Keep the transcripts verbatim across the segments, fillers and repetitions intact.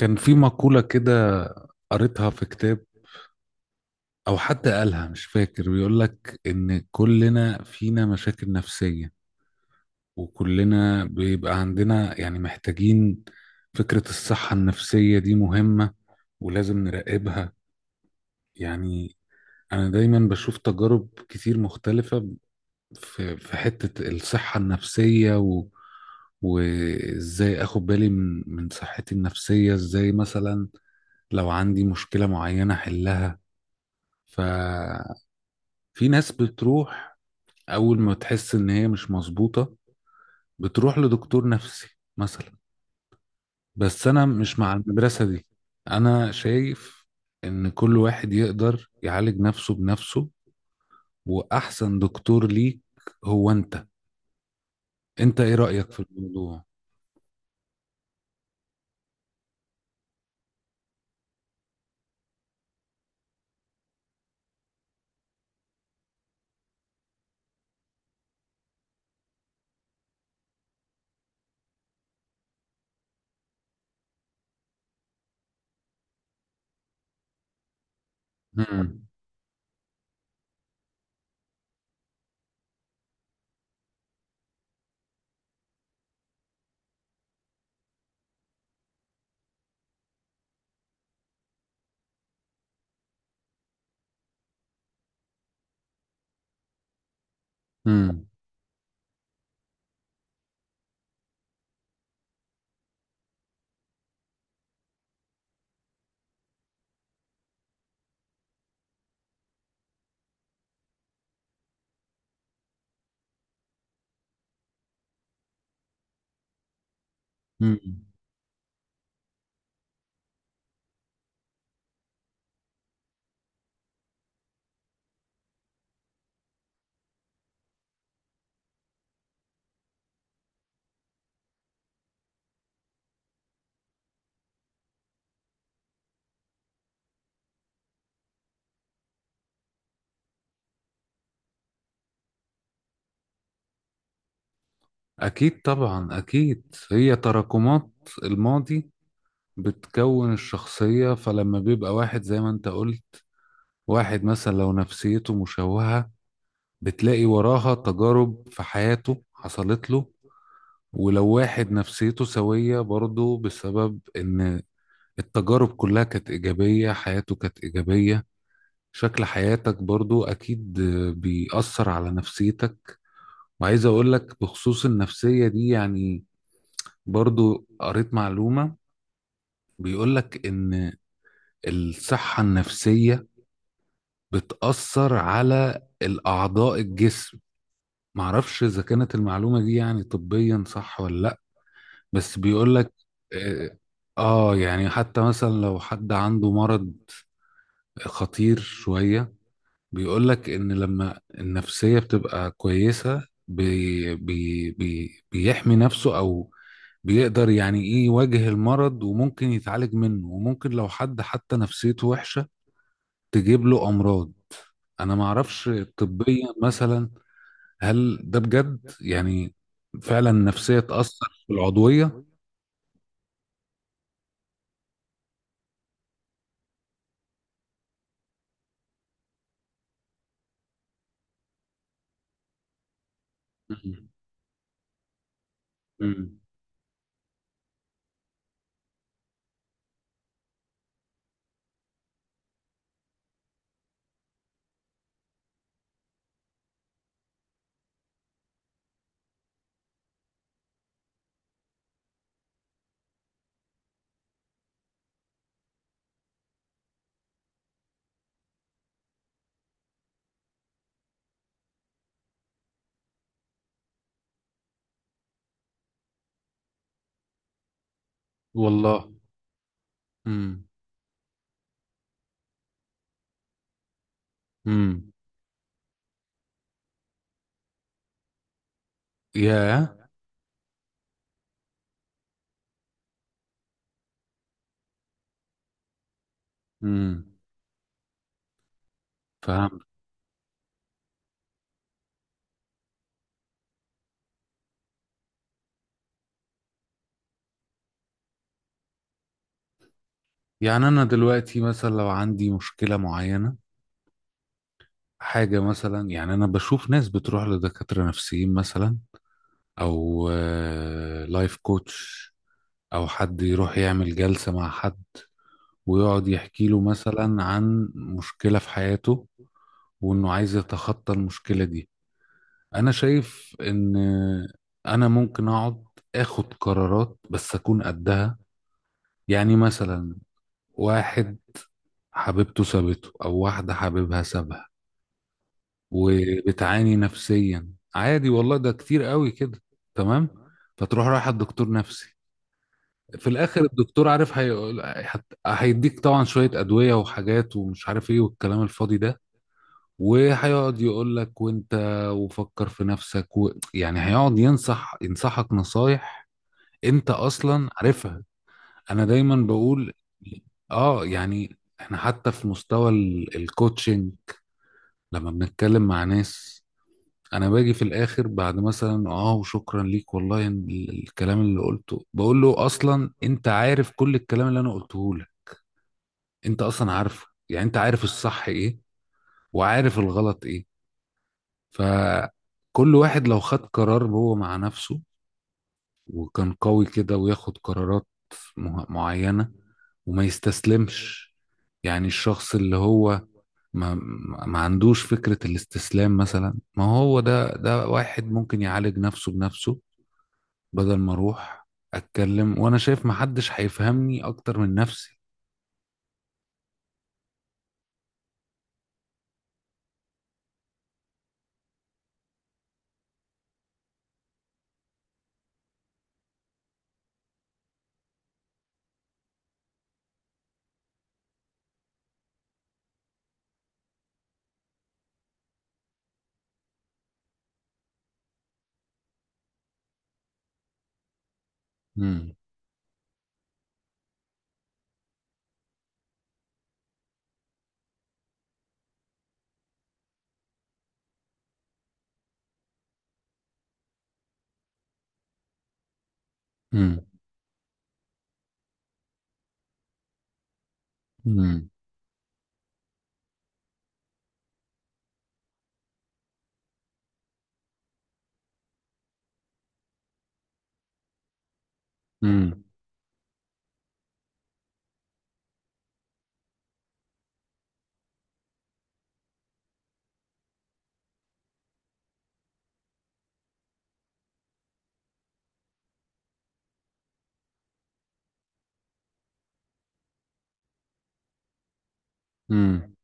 كان في مقولة كده، قريتها في كتاب أو حد قالها مش فاكر، بيقول لك إن كلنا فينا مشاكل نفسية وكلنا بيبقى عندنا يعني محتاجين. فكرة الصحة النفسية دي مهمة ولازم نراقبها يعني. أنا دايما بشوف تجارب كتير مختلفة في في حتة الصحة النفسية و وازاي اخد بالي من من صحتي النفسية، ازاي مثلا لو عندي مشكلة معينة احلها. ففي ناس بتروح، اول ما تحس ان هي مش مظبوطة بتروح لدكتور نفسي مثلا. بس انا مش مع المدرسة دي. انا شايف ان كل واحد يقدر يعالج نفسه بنفسه، واحسن دكتور ليك هو انت. انت ايه رأيك في الموضوع؟ مم. مم. مم. اكيد طبعا اكيد، هي تراكمات الماضي بتكون الشخصية. فلما بيبقى واحد، زي ما انت قلت، واحد مثلا لو نفسيته مشوهة بتلاقي وراها تجارب في حياته حصلت له. ولو واحد نفسيته سوية برضه، بسبب إن التجارب كلها كانت إيجابية، حياته كانت إيجابية. شكل حياتك برضو أكيد بيأثر على نفسيتك. وعايز أقولك بخصوص النفسية دي يعني، برضو قريت معلومة بيقولك إن الصحة النفسية بتأثر على الأعضاء الجسم. معرفش اذا كانت المعلومه دي يعني طبيا صح ولا لا، بس بيقول لك. اه. آه، يعني حتى مثلا لو حد عنده مرض خطير شويه، بيقول لك ان لما النفسيه بتبقى كويسه بي بي بي بيحمي نفسه، او بيقدر يعني ايه يواجه المرض، وممكن يتعالج منه، وممكن لو حد حتى نفسيته وحشه تجيب له امراض. انا معرفش طبيا مثلا، هل ده بجد يعني فعلا نفسية تأثر في العضوية؟ مم. مم. والله. امم. امم. ياه. امم. فهمت. يعني أنا دلوقتي مثلا لو عندي مشكلة معينة، حاجة مثلا، يعني أنا بشوف ناس بتروح لدكاترة نفسيين مثلا، أو لايف كوتش، أو حد يروح يعمل جلسة مع حد ويقعد يحكي له مثلا عن مشكلة في حياته وإنه عايز يتخطى المشكلة دي. انا شايف ان انا ممكن اقعد اخد قرارات بس اكون قدها. يعني مثلا واحد حبيبته سابته او واحدة حبيبها سابها وبتعاني نفسيا، عادي والله ده كتير قوي كده، تمام. فتروح رايح الدكتور نفسي، في الاخر الدكتور عارف هيقول هت- هيديك طبعا شوية ادوية وحاجات ومش عارف ايه والكلام الفاضي ده. وهيقعد يقول لك وانت وفكر في نفسك و... يعني هيقعد ينصح ينصحك نصايح انت اصلا عارفها. انا دايما بقول، اه، يعني احنا حتى في مستوى ال- الكوتشنج، لما بنتكلم مع ناس، انا باجي في الاخر بعد مثلا اه وشكرا ليك والله إن ال- الكلام اللي قلته، بقول له اصلا انت عارف كل الكلام اللي انا قلته لك. انت اصلا عارفه، يعني انت عارف الصح ايه وعارف الغلط ايه. فكل واحد لو خد قرار هو مع نفسه وكان قوي كده وياخد قرارات مه- معينة وما يستسلمش. يعني الشخص اللي هو ما ما عندوش فكرة الاستسلام مثلا، ما هو ده ده واحد ممكن يعالج نفسه بنفسه، بدل ما اروح اتكلم وانا شايف ما حدش هيفهمني اكتر من نفسي. مم. مم. مم. مم. مم.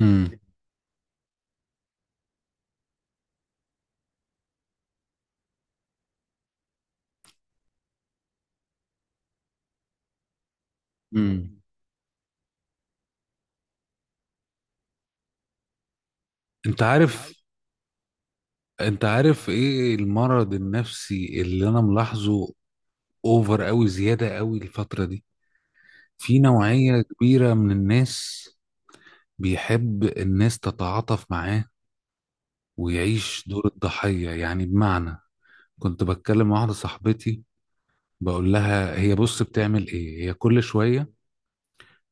مم. مم. انت عارف انت عارف ايه المرض النفسي اللي انا ملاحظه اوفر قوي، زيادة قوي الفترة دي، في نوعية كبيرة من الناس بيحب الناس تتعاطف معاه ويعيش دور الضحية، يعني بمعنى، كنت بتكلم مع واحدة صاحبتي، بقول لها هي بص بتعمل ايه هي كل شوية،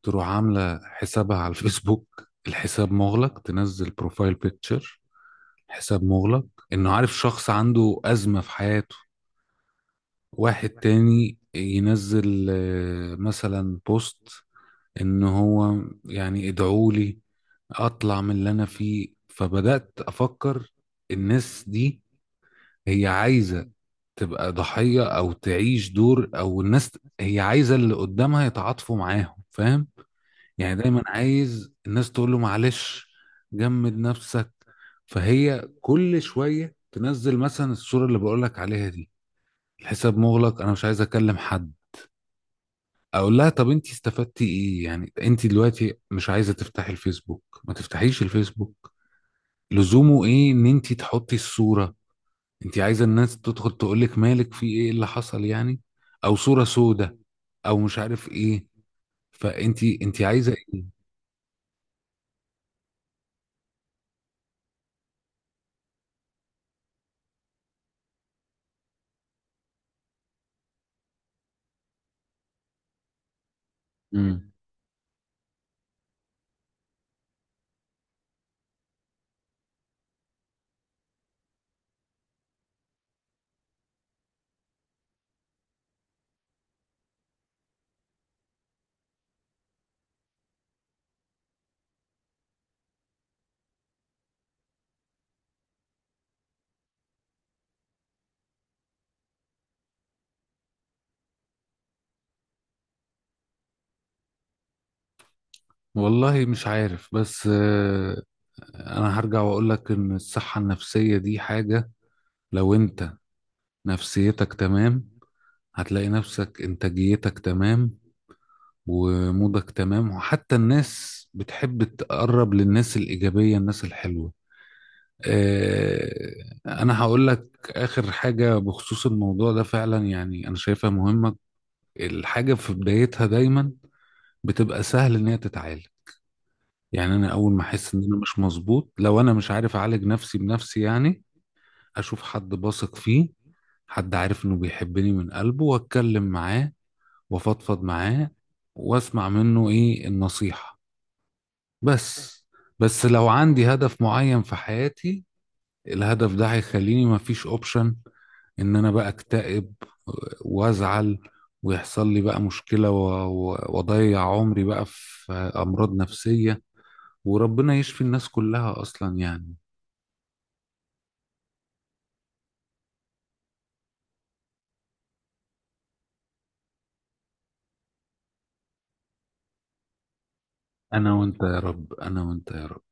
تروح عاملة حسابها على الفيسبوك، الحساب مغلق، تنزل بروفايل بيكتشر، حساب مغلق، انه عارف شخص عنده أزمة في حياته. واحد تاني ينزل آه، مثلا بوست ان هو يعني ادعوا لي اطلع من اللي انا فيه. فبدأت افكر الناس دي، هي عايزة تبقى ضحية او تعيش دور، او الناس هي عايزة اللي قدامها يتعاطفوا معاهم، فاهم يعني؟ دايما عايز الناس تقول له معلش، جمد نفسك. فهي كل شوية تنزل مثلا الصورة اللي بقولك عليها دي، الحساب مغلق، انا مش عايز اكلم حد. اقول لها طب انت استفدتي ايه؟ يعني انت دلوقتي مش عايزه تفتحي الفيسبوك، ما تفتحيش الفيسبوك، لزومه ايه ان انت تحطي الصوره؟ انت عايزه الناس تدخل تقول لك مالك، في ايه اللي حصل يعني؟ او صوره سودة، او مش عارف ايه، فانت انت عايزه ايه؟ امم. والله مش عارف، بس آه، انا هرجع واقول لك ان الصحه النفسيه دي حاجه، لو انت نفسيتك تمام، هتلاقي نفسك انتاجيتك تمام ومودك تمام، وحتى الناس بتحب تقرب للناس الإيجابية، الناس الحلوة. آه، أنا هقول لك آخر حاجة بخصوص الموضوع ده، فعلا يعني أنا شايفها مهمة. الحاجة في بدايتها دايما بتبقى سهل إن هي تتعالج. يعني أنا أول ما أحس إن أنا مش مظبوط، لو أنا مش عارف أعالج نفسي بنفسي يعني، أشوف حد بثق فيه، حد عارف إنه بيحبني من قلبه، وأتكلم معاه وأفضفض معاه وأسمع منه إيه النصيحة. بس بس لو عندي هدف معين في حياتي، الهدف ده هيخليني مفيش اوبشن ان انا بقى اكتئب وازعل ويحصل لي بقى مشكلة، و- و- واضيع عمري بقى في امراض نفسية، وربنا يشفي الناس كلها اصلا يعني. انا وانت يا رب، انا وانت يا رب.